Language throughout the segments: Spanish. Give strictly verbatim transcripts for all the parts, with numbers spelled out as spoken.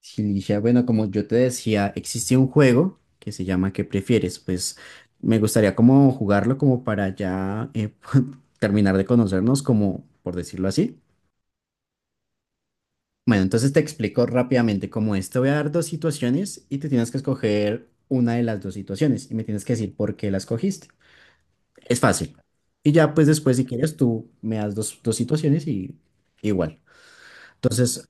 Sí, Ligia, bueno, como yo te decía, existe un juego que se llama ¿qué prefieres? Pues me gustaría como jugarlo como para ya eh, terminar de conocernos, como por decirlo así. Bueno, entonces te explico rápidamente cómo es. Te voy a dar dos situaciones y te tienes que escoger una de las dos situaciones y me tienes que decir por qué la escogiste. Es fácil. Y ya pues después si quieres tú me das dos, dos situaciones y igual. Entonces.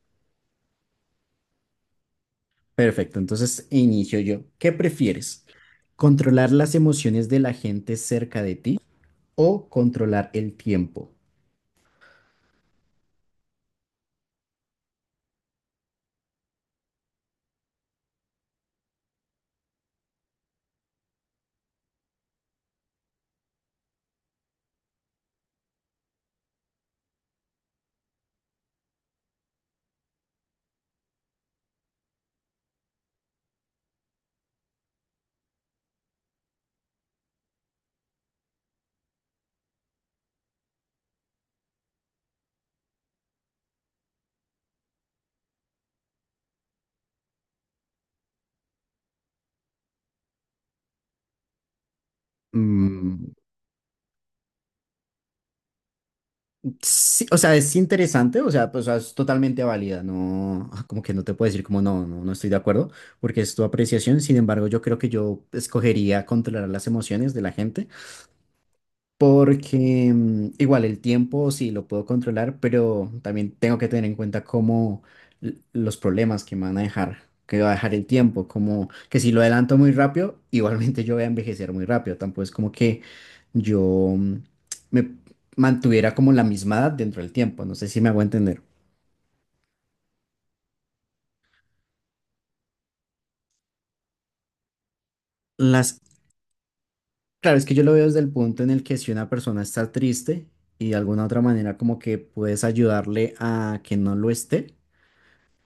Perfecto, entonces inicio yo. ¿Qué prefieres? ¿Controlar las emociones de la gente cerca de ti o controlar el tiempo? Mm, sí, o sea, es interesante, o sea, pues, o sea, es totalmente válida, no, ah, como que no te puedo decir como no, no, no estoy de acuerdo, porque es tu apreciación. Sin embargo, yo creo que yo escogería controlar las emociones de la gente, porque mm, igual el tiempo sí lo puedo controlar, pero también tengo que tener en cuenta cómo l- los problemas que me van a dejar, que va a dejar el tiempo, como que si lo adelanto muy rápido, igualmente yo voy a envejecer muy rápido, tampoco es como que yo mm, me mantuviera como la misma edad dentro del tiempo, no sé si me hago entender. Las, claro, es que yo lo veo desde el punto en el que si una persona está triste y de alguna otra manera como que puedes ayudarle a que no lo esté,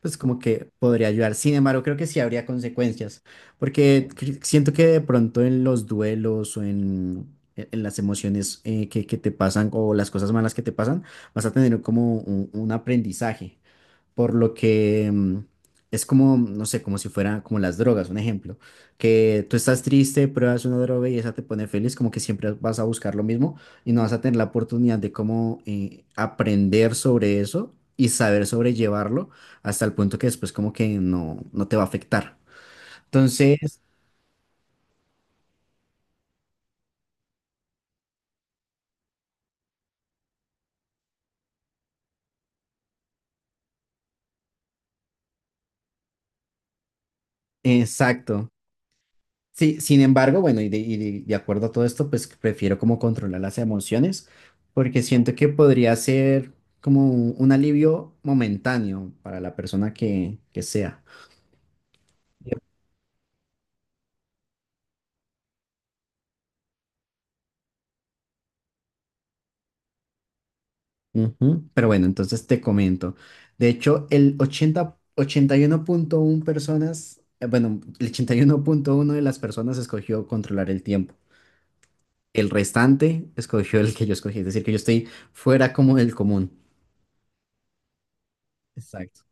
pues como que podría ayudar. Sin embargo, creo que sí habría consecuencias, porque cre- siento que de pronto en los duelos o en, en- en las emociones eh, que, que te pasan o las cosas malas que te pasan, vas a tener como un, un aprendizaje, por lo que mm, es como, no sé, como si fuera como las drogas, un ejemplo, que tú estás triste, pruebas una droga y esa te pone feliz, como que siempre vas a buscar lo mismo y no vas a tener la oportunidad de cómo eh, aprender sobre eso y saber sobrellevarlo hasta el punto que después como que no, no te va a afectar. Entonces, exacto. Sí, sin embargo, bueno, y de, y de- de acuerdo a todo esto, pues prefiero como controlar las emociones, porque siento que podría ser como un, un alivio momentáneo para la persona que, que sea. Yep. Ujú. Pero bueno, entonces te comento. De hecho, el ochenta ochenta y uno punto uno personas, eh, bueno, el ochenta y uno punto uno de las personas escogió controlar el tiempo. El restante escogió el que yo escogí, es decir, que yo estoy fuera como del común. Exacto.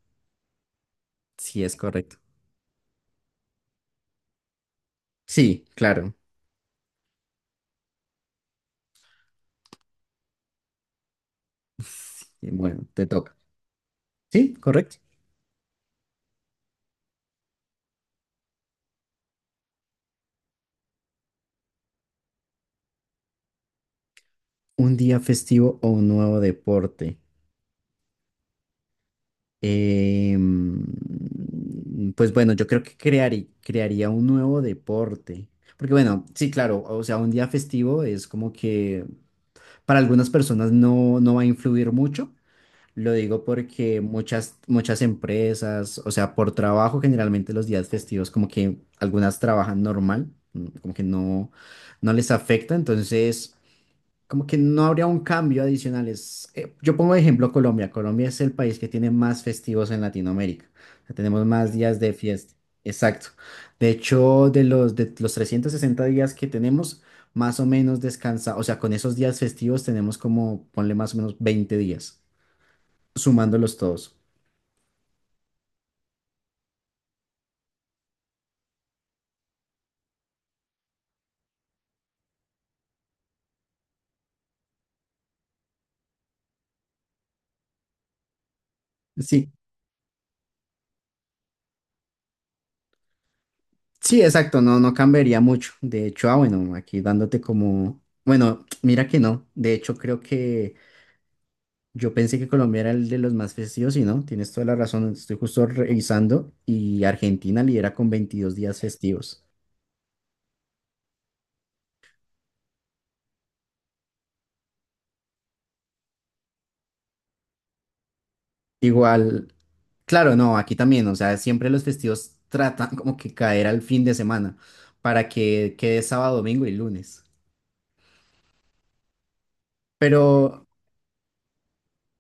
Sí, es correcto. Sí, claro. Bueno, te toca. Sí, correcto. ¿Un día festivo o un nuevo deporte? Em, pues bueno, yo creo que crearí- crearía un nuevo deporte. Porque bueno, sí, claro, o sea, un día festivo es como que para algunas personas no, no va a influir mucho. Lo digo porque muchas, muchas empresas, o sea, por trabajo generalmente los días festivos como que algunas trabajan normal, mm, como que no, no les afecta. Entonces, como que no habría un cambio adicional. Es, eh, yo pongo de ejemplo Colombia. Colombia es el país que tiene más festivos en Latinoamérica. O sea, tenemos más días de fiesta. Exacto. De hecho, de los, de los trescientos sesenta días que tenemos, más o menos descansa. O sea, con esos días festivos tenemos como, ponle más o menos veinte días, sumándolos todos. Sí, sí, exacto, no, no cambiaría mucho. De hecho, ah, bueno, aquí dándote como, bueno, mira que no. De hecho, creo que yo pensé que Colombia era el de los más festivos y no, tienes toda la razón. Estoy justo revisando y Argentina lidera con veintidós días festivos. Igual, claro, no, aquí también, o sea, siempre los festivos tratan como que caer al fin de semana para que quede sábado, domingo y lunes. Pero,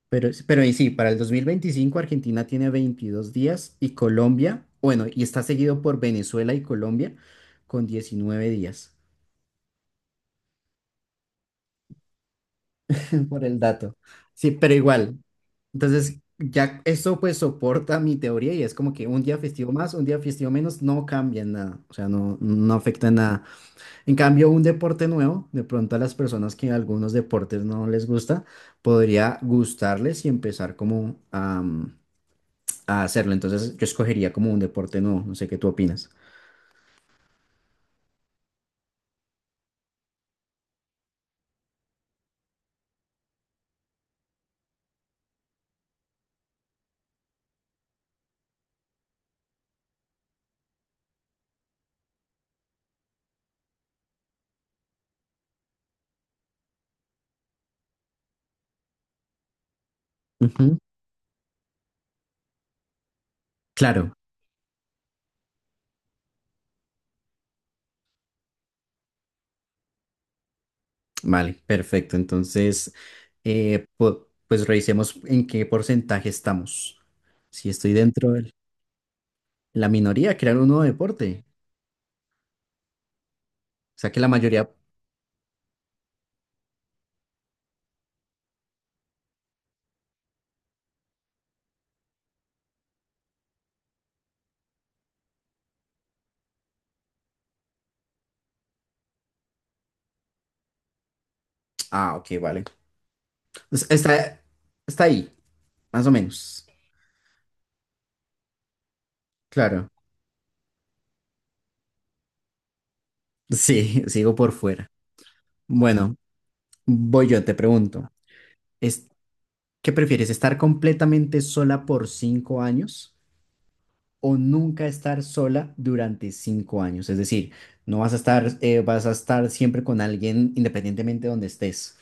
pero, pero y sí, para el dos mil veinticinco Argentina tiene veintidós días y Colombia, bueno, y está seguido por Venezuela y Colombia con diecinueve días. Por el dato. Sí, pero igual. Entonces, ya eso pues soporta mi teoría, y es como que un día festivo más, un día festivo menos, no cambia en nada. O sea, no, no afecta en nada. En cambio, un deporte nuevo, de pronto a las personas que algunos deportes no les gusta, podría gustarles y empezar como a, a hacerlo. Entonces, yo escogería como un deporte nuevo. No sé qué tú opinas. Ujú. Claro. Vale, perfecto. Entonces, eh, pu- pues revisemos en qué porcentaje estamos. Si estoy dentro de la minoría, crear un nuevo deporte. O sea que la mayoría. Ah, ok, vale. O sea, Está, está ahí, más o menos. Claro. Sí, sigo por fuera. Bueno, voy yo, te pregunto. ¿Es, qué prefieres, estar completamente sola por cinco años o nunca estar sola durante cinco años? Es decir, no vas a estar, eh, vas a estar siempre con alguien independientemente de donde estés.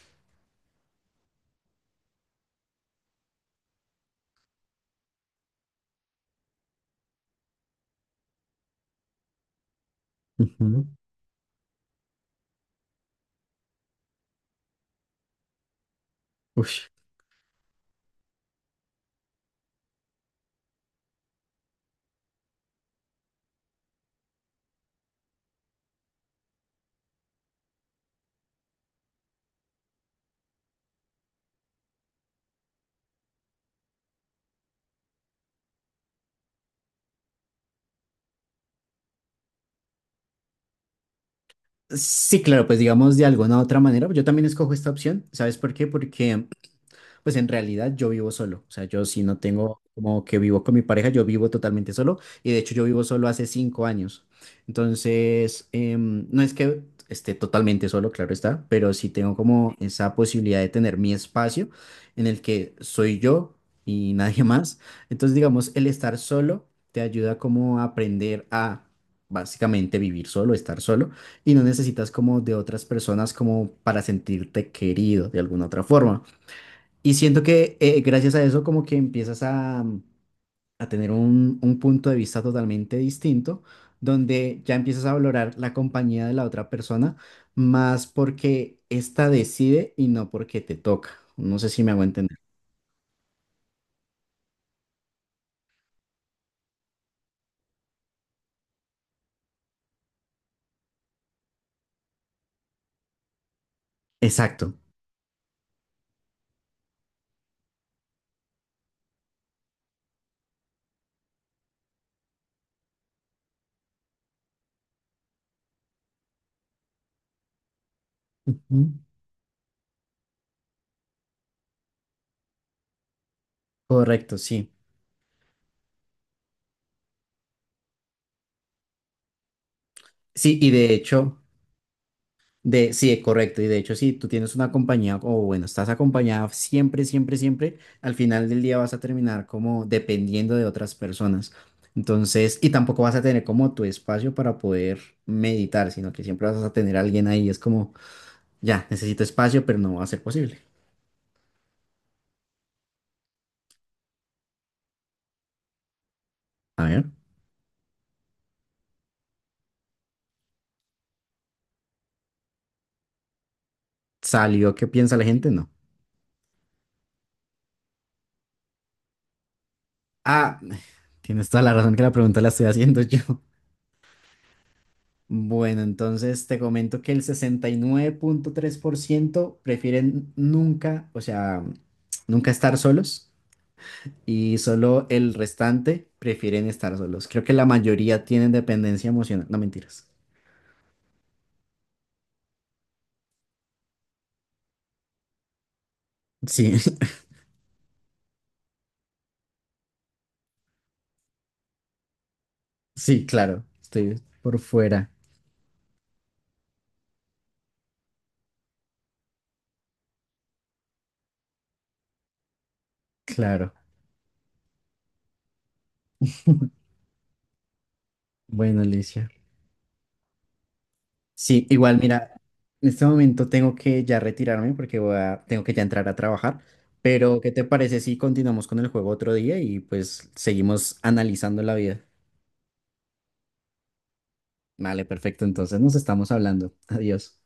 Ujú. Ush. Sí, claro, pues digamos de alguna u otra manera, yo también escojo esta opción. ¿Sabes por qué? Porque pues en realidad yo vivo solo. O sea, yo sí no tengo como que vivo con mi pareja, yo vivo totalmente solo. Y de hecho yo vivo solo hace cinco años. Entonces, em, no es que esté totalmente solo, claro está, pero sí tengo como esa posibilidad de tener mi espacio en el que soy yo y nadie más. Entonces, digamos, el estar solo te ayuda como a aprender a básicamente vivir solo, estar solo, y no necesitas como de otras personas como para sentirte querido de alguna otra forma. Y siento que eh, gracias a eso como que empiezas a, a tener un, un punto de vista totalmente distinto, donde ya empiezas a valorar la compañía de la otra persona más porque ésta decide y no porque te toca. No sé si me hago entender. Exacto. Ujú. Correcto, sí. Sí, y de hecho, De, sí, correcto. Y de hecho, si tú tienes una compañía o bueno, estás acompañada siempre, siempre, siempre, al final del día vas a terminar como dependiendo de otras personas. Entonces, y tampoco vas a tener como tu espacio para poder meditar, sino que siempre vas a tener a alguien ahí. Es como, ya, necesito espacio, pero no va a ser posible. A ver, ¿salió qué piensa la gente? No. Ah, tienes toda la razón, que la pregunta la estoy haciendo yo. Bueno, entonces te comento que el sesenta y nueve punto tres por ciento prefieren nunca, o sea, nunca estar solos, y solo el restante prefieren estar solos. Creo que la mayoría tienen dependencia emocional. No, mentiras. Sí, sí, claro, estoy por fuera, claro. Bueno, Alicia, sí, igual, mira, en este momento tengo que ya retirarme porque voy a, tengo que ya entrar a trabajar, pero ¿qué te parece si continuamos con el juego otro día y pues seguimos analizando la vida? Vale, perfecto, entonces nos estamos hablando. Adiós.